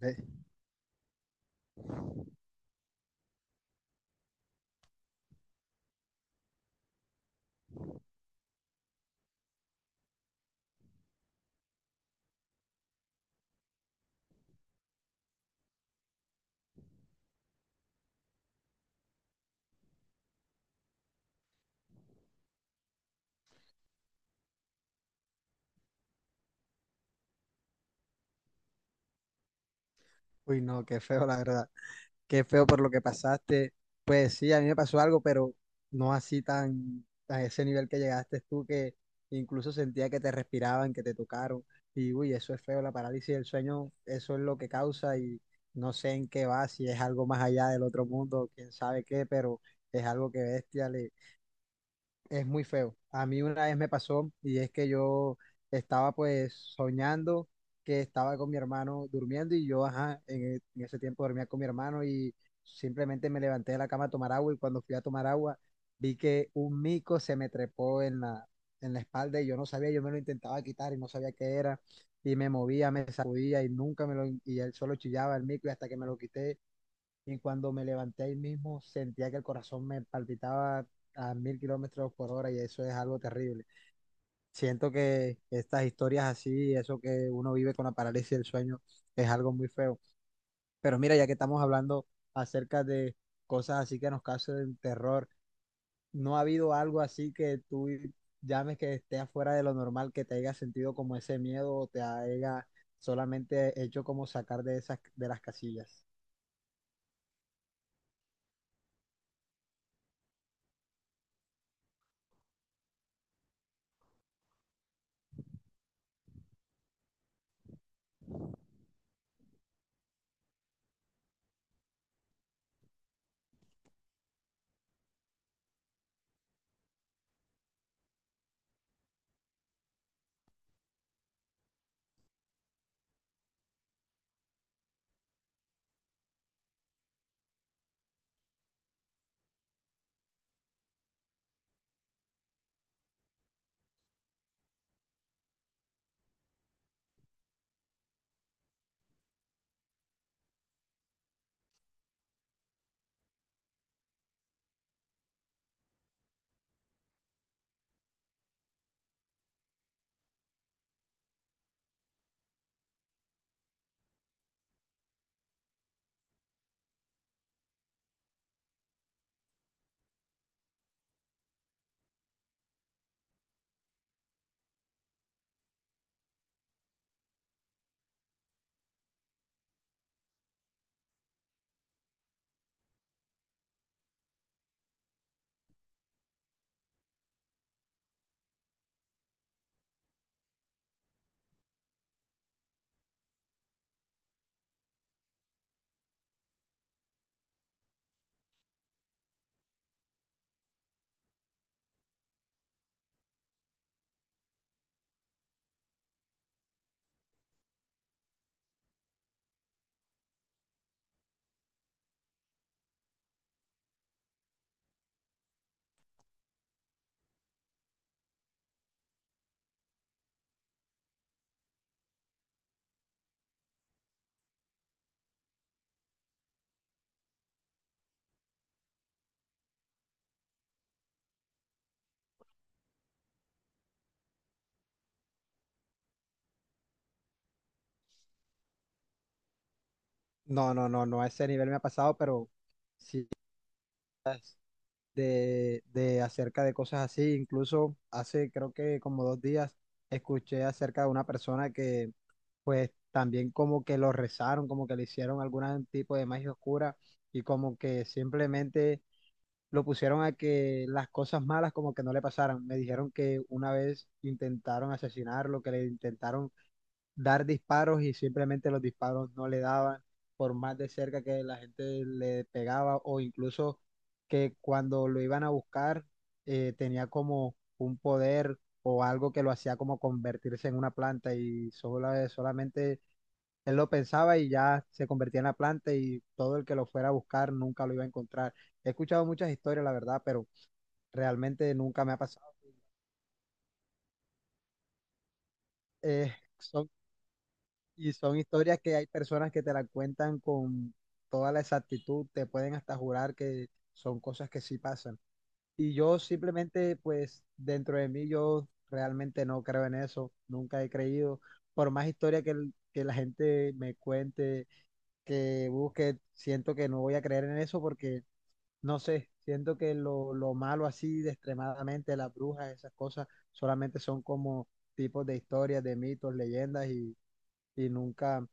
Ve- Uy, no, qué feo, la verdad. Qué feo por lo que pasaste. Pues sí, a mí me pasó algo, pero no así tan a ese nivel que llegaste tú, que incluso sentía que te respiraban, que te tocaron. Y uy, eso es feo, la parálisis del sueño, eso es lo que causa y no sé en qué va, si es algo más allá del otro mundo, quién sabe qué, pero es algo que bestia es muy feo. A mí una vez me pasó y es que yo estaba pues soñando que estaba con mi hermano durmiendo y yo, ajá, en ese tiempo dormía con mi hermano y simplemente me levanté de la cama a tomar agua y cuando fui a tomar agua vi que un mico se me trepó en la espalda y yo no sabía, yo me lo intentaba quitar y no sabía qué era y me movía, me sacudía y nunca me lo, y él solo chillaba el mico y hasta que me lo quité y cuando me levanté ahí mismo, sentía que el corazón me palpitaba a 1000 kilómetros por hora y eso es algo terrible. Siento que estas historias así, eso que uno vive con la parálisis del sueño, es algo muy feo. Pero mira, ya que estamos hablando acerca de cosas así que nos causen terror, ¿no ha habido algo así que tú llames que esté afuera de lo normal, que te haya sentido como ese miedo o te haya solamente hecho como sacar de las casillas? No, no, no, no a ese nivel me ha pasado, pero sí de acerca de cosas así. Incluso hace creo que como 2 días escuché acerca de una persona que pues también como que lo rezaron, como que le hicieron algún tipo de magia oscura y como que simplemente lo pusieron a que las cosas malas como que no le pasaran. Me dijeron que una vez intentaron asesinarlo, que le intentaron dar disparos y simplemente los disparos no le daban, por más de cerca que la gente le pegaba o incluso que cuando lo iban a buscar tenía como un poder o algo que lo hacía como convertirse en una planta y solamente él lo pensaba y ya se convertía en la planta y todo el que lo fuera a buscar nunca lo iba a encontrar. He escuchado muchas historias, la verdad, pero realmente nunca me ha pasado. Eh, son Y son historias que hay personas que te la cuentan con toda la exactitud, te pueden hasta jurar que son cosas que sí pasan. Y yo simplemente, pues dentro de mí, yo realmente no creo en eso, nunca he creído. Por más historia que, que la gente me cuente, que busque, siento que no voy a creer en eso porque, no sé, siento que lo malo así de extremadamente, las brujas, esas cosas, solamente son como tipos de historias, de mitos, leyendas y nunca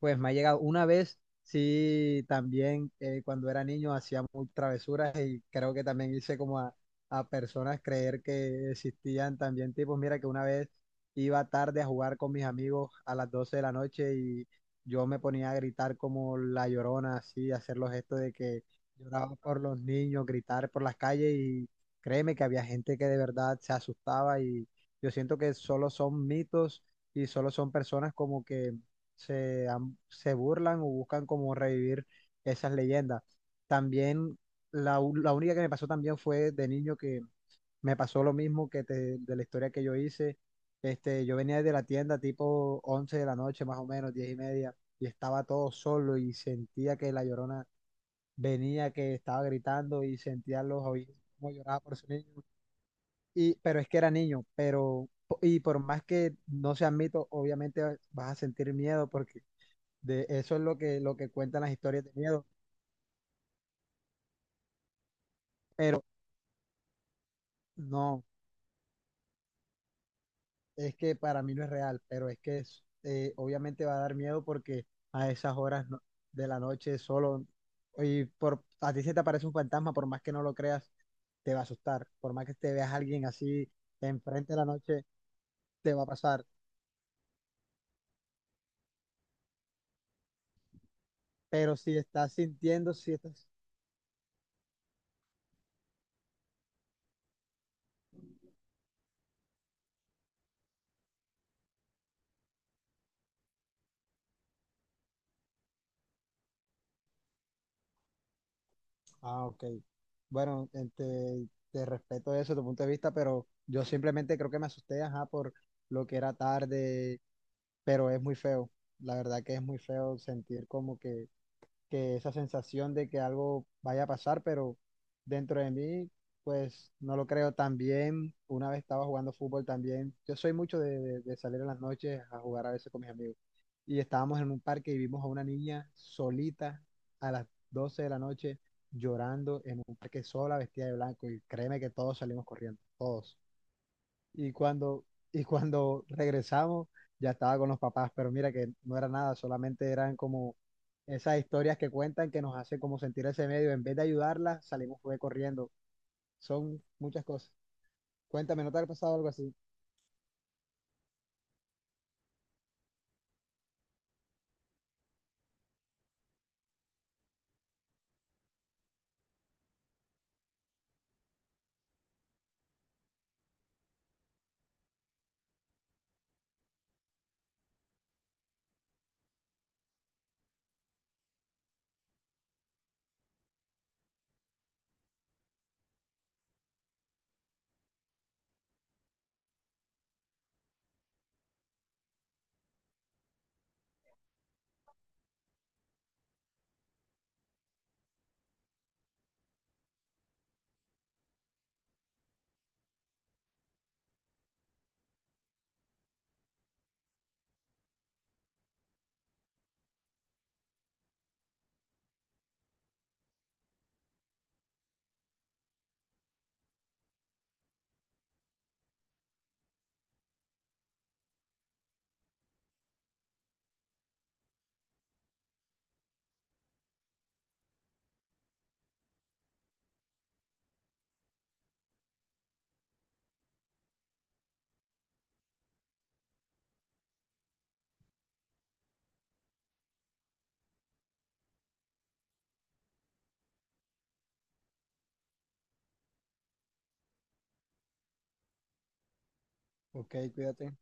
pues me ha llegado una vez, sí, también cuando era niño hacía muy travesuras y creo que también hice a personas creer que existían también tipos. Mira que una vez iba tarde a jugar con mis amigos a las 12 de la noche y yo me ponía a gritar como la llorona, así, hacer los gestos de que lloraba por los niños, gritar por las calles y créeme que había gente que de verdad se asustaba y yo siento que solo son mitos y solo son personas como que se burlan o buscan como revivir esas leyendas. También la única que me pasó también fue de niño que me pasó lo mismo de la historia que yo hice. Este, yo venía de la tienda tipo 11 de la noche, más o menos, 10 y media, y estaba todo solo y sentía que la llorona venía, que estaba gritando y sentía los oídos como lloraba por su niño. Y, pero es que era niño, pero, y por más que no sea mito, obviamente vas a sentir miedo porque de eso es lo que cuentan las historias de miedo. Pero no, es que para mí no es real, pero es que es, obviamente va a dar miedo porque a esas horas de la noche solo, y por, a ti se te aparece un fantasma, por más que no lo creas, te va a asustar. Por más que te veas a alguien así enfrente de la noche, te va a pasar. Pero si estás sintiendo, si estás... Ah, ok. Bueno, te respeto eso, tu punto de vista, pero yo simplemente creo que me asusté, ajá, por lo que era tarde pero es muy feo. La verdad que es muy feo sentir como que esa sensación de que algo vaya a pasar, pero dentro de mí, pues no lo creo también. Una vez estaba jugando fútbol también. Yo soy mucho de salir en las noches a jugar a veces con mis amigos. Y estábamos en un parque y vimos a una niña solita a las 12 de la noche llorando en un parque sola, vestida de blanco. Y créeme que todos salimos corriendo, todos. Y cuando, y cuando regresamos, ya estaba con los papás, pero mira que no era nada, solamente eran como esas historias que cuentan que nos hacen como sentir ese medio. En vez de ayudarlas, salimos fue corriendo. Son muchas cosas. Cuéntame, ¿no te ha pasado algo así? Ok, cuídate.